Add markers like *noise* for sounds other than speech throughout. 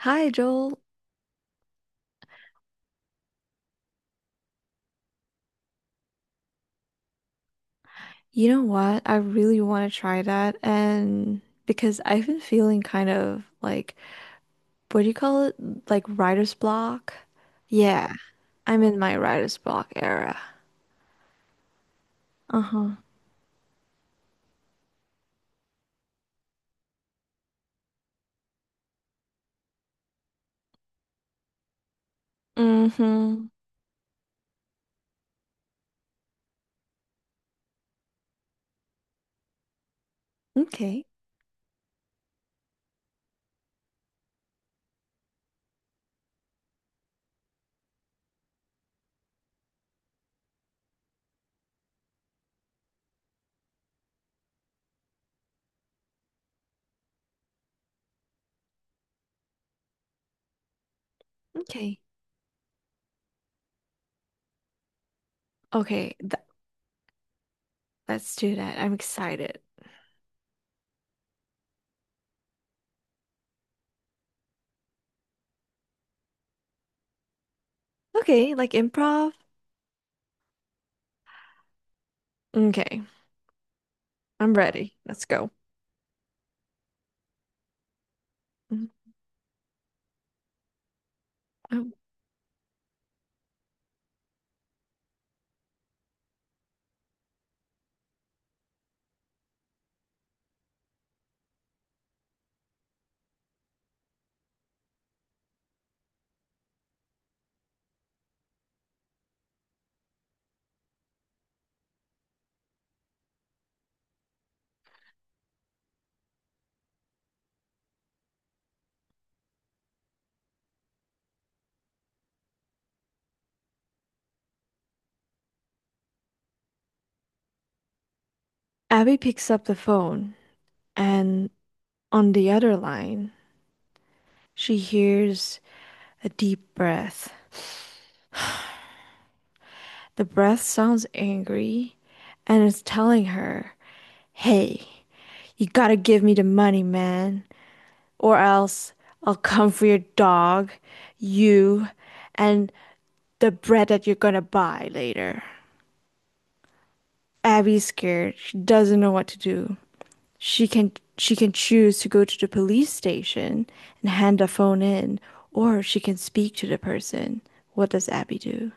Hi, Joel. You know what? I really want to try that. And because I've been feeling kind of like, what do you call it? Like writer's block? Yeah, I'm in my writer's block era. Uh-huh. Mm-hmm. Okay. Okay. Okay. Th Let's do that. I'm excited. Okay. Like improv? Okay. I'm ready. Let's go. Mm. Oh. Abby picks up the phone, and on the other line, she hears a deep breath. The breath sounds angry, and it's telling her, "Hey, you gotta give me the money, man, or else I'll come for your dog, you, and the bread that you're gonna buy later." Abby's scared. She doesn't know what to do. She can she can choose to go to the police station and hand the phone in, or she can speak to the person. What does Abby do?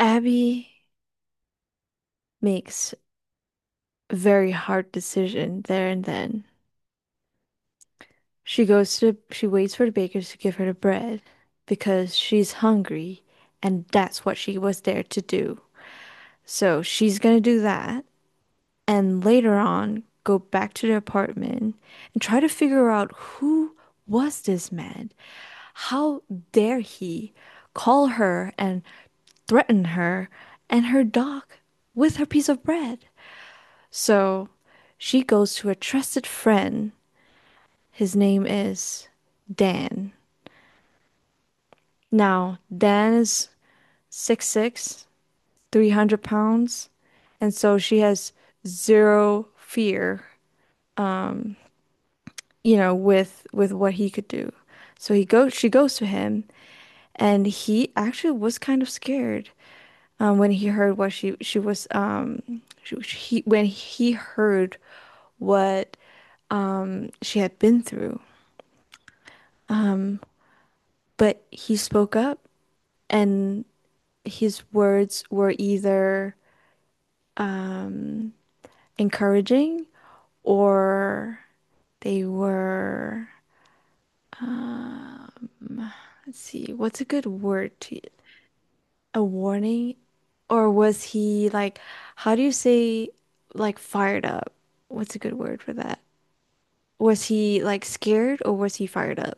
Abby makes a very hard decision there and then. She waits for the bakers to give her the bread because she's hungry, and that's what she was there to do. So she's gonna do that and later on go back to the apartment and try to figure out, who was this man? How dare he call her and threaten her and her dog with her piece of bread? So she goes to a trusted friend. His name is Dan. Now, Dan is 6'6, 300 pounds, and so she has zero fear, with what he could do. So he goes she goes to him, and he actually was kind of scared when he heard what she was she, he when he heard what she had been through. But he spoke up, and his words were either encouraging, or they were, let's see, what's a good word to a warning? Or was he like, how do you say, like, fired up? What's a good word for that? Was he like scared, or was he fired up?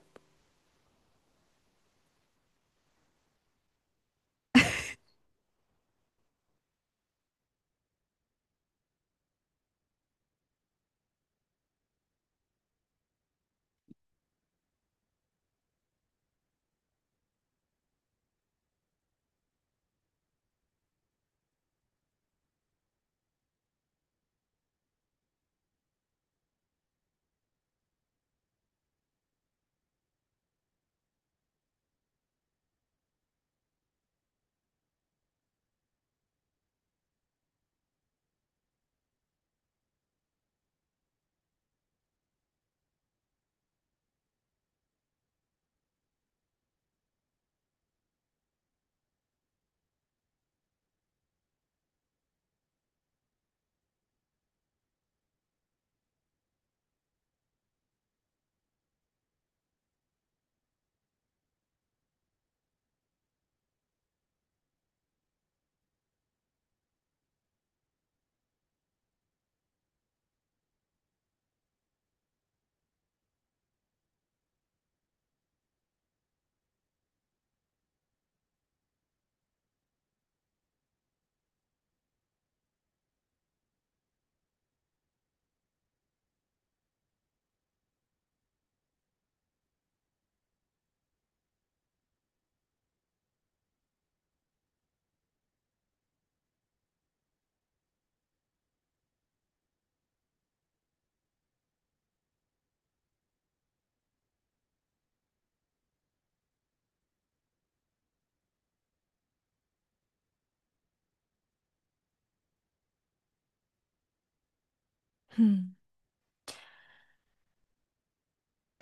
Hmm.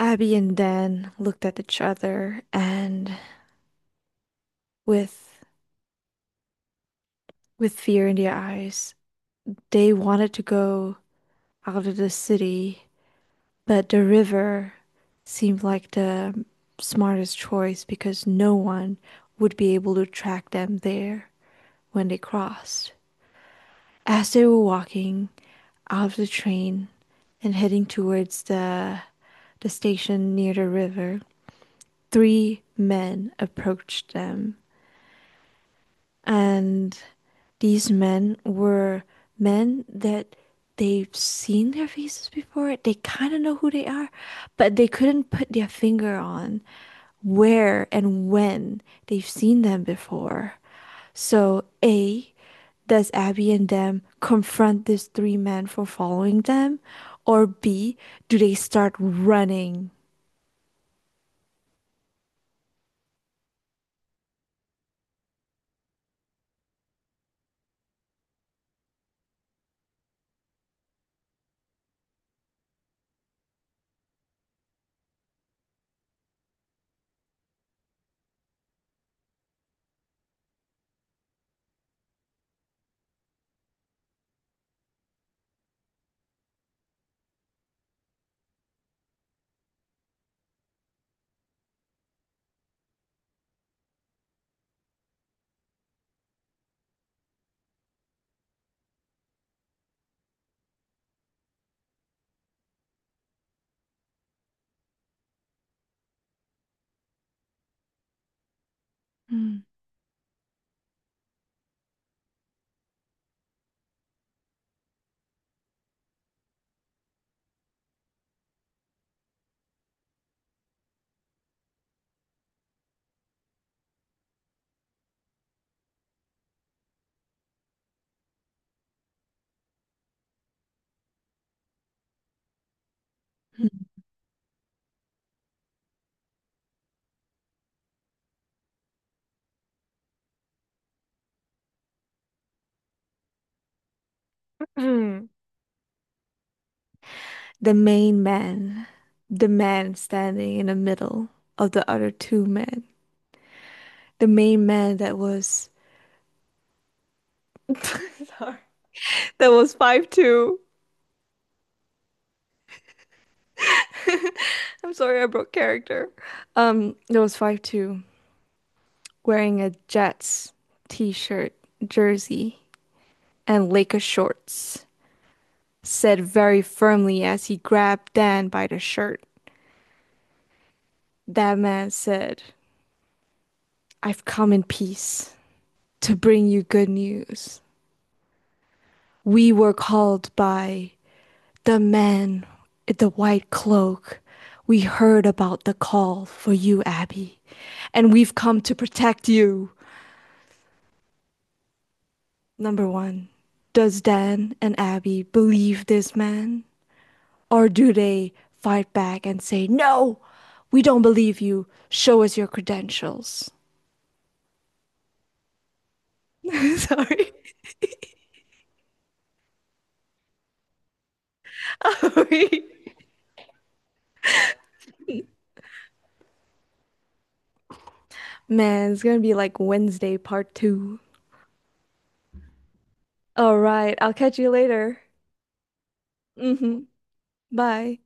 Abby and Dan looked at each other, and with with fear in their eyes, they wanted to go out of the city, but the river seemed like the smartest choice because no one would be able to track them there when they crossed. As they were walking out of the train and heading towards the station near the river, three men approached them. And these men were men that they've seen their faces before. They kind of know who they are, but they couldn't put their finger on where and when they've seen them before. So, A, does Abby and them confront these three men for following them? Or B, do they start running? Hmm. *clears throat* The main man, the man standing in the middle of the other two men, the main man that was, *laughs* sorry, that was 5'2. I'm sorry, I broke character. That was 5'2, wearing a Jets t-shirt, jersey, and Laker shorts, said very firmly as he grabbed Dan by the shirt. That man said, "I've come in peace to bring you good news. We were called by the man in the white cloak. We heard about the call for you, Abby, and we've come to protect you." Number one, does Dan and Abby believe this man? Or do they fight back and say, "No, we don't believe you. Show us your credentials." *laughs* Sorry. *laughs* Sorry. Man, it's gonna be like Wednesday part two. All right, I'll catch you later. Hmm. Bye.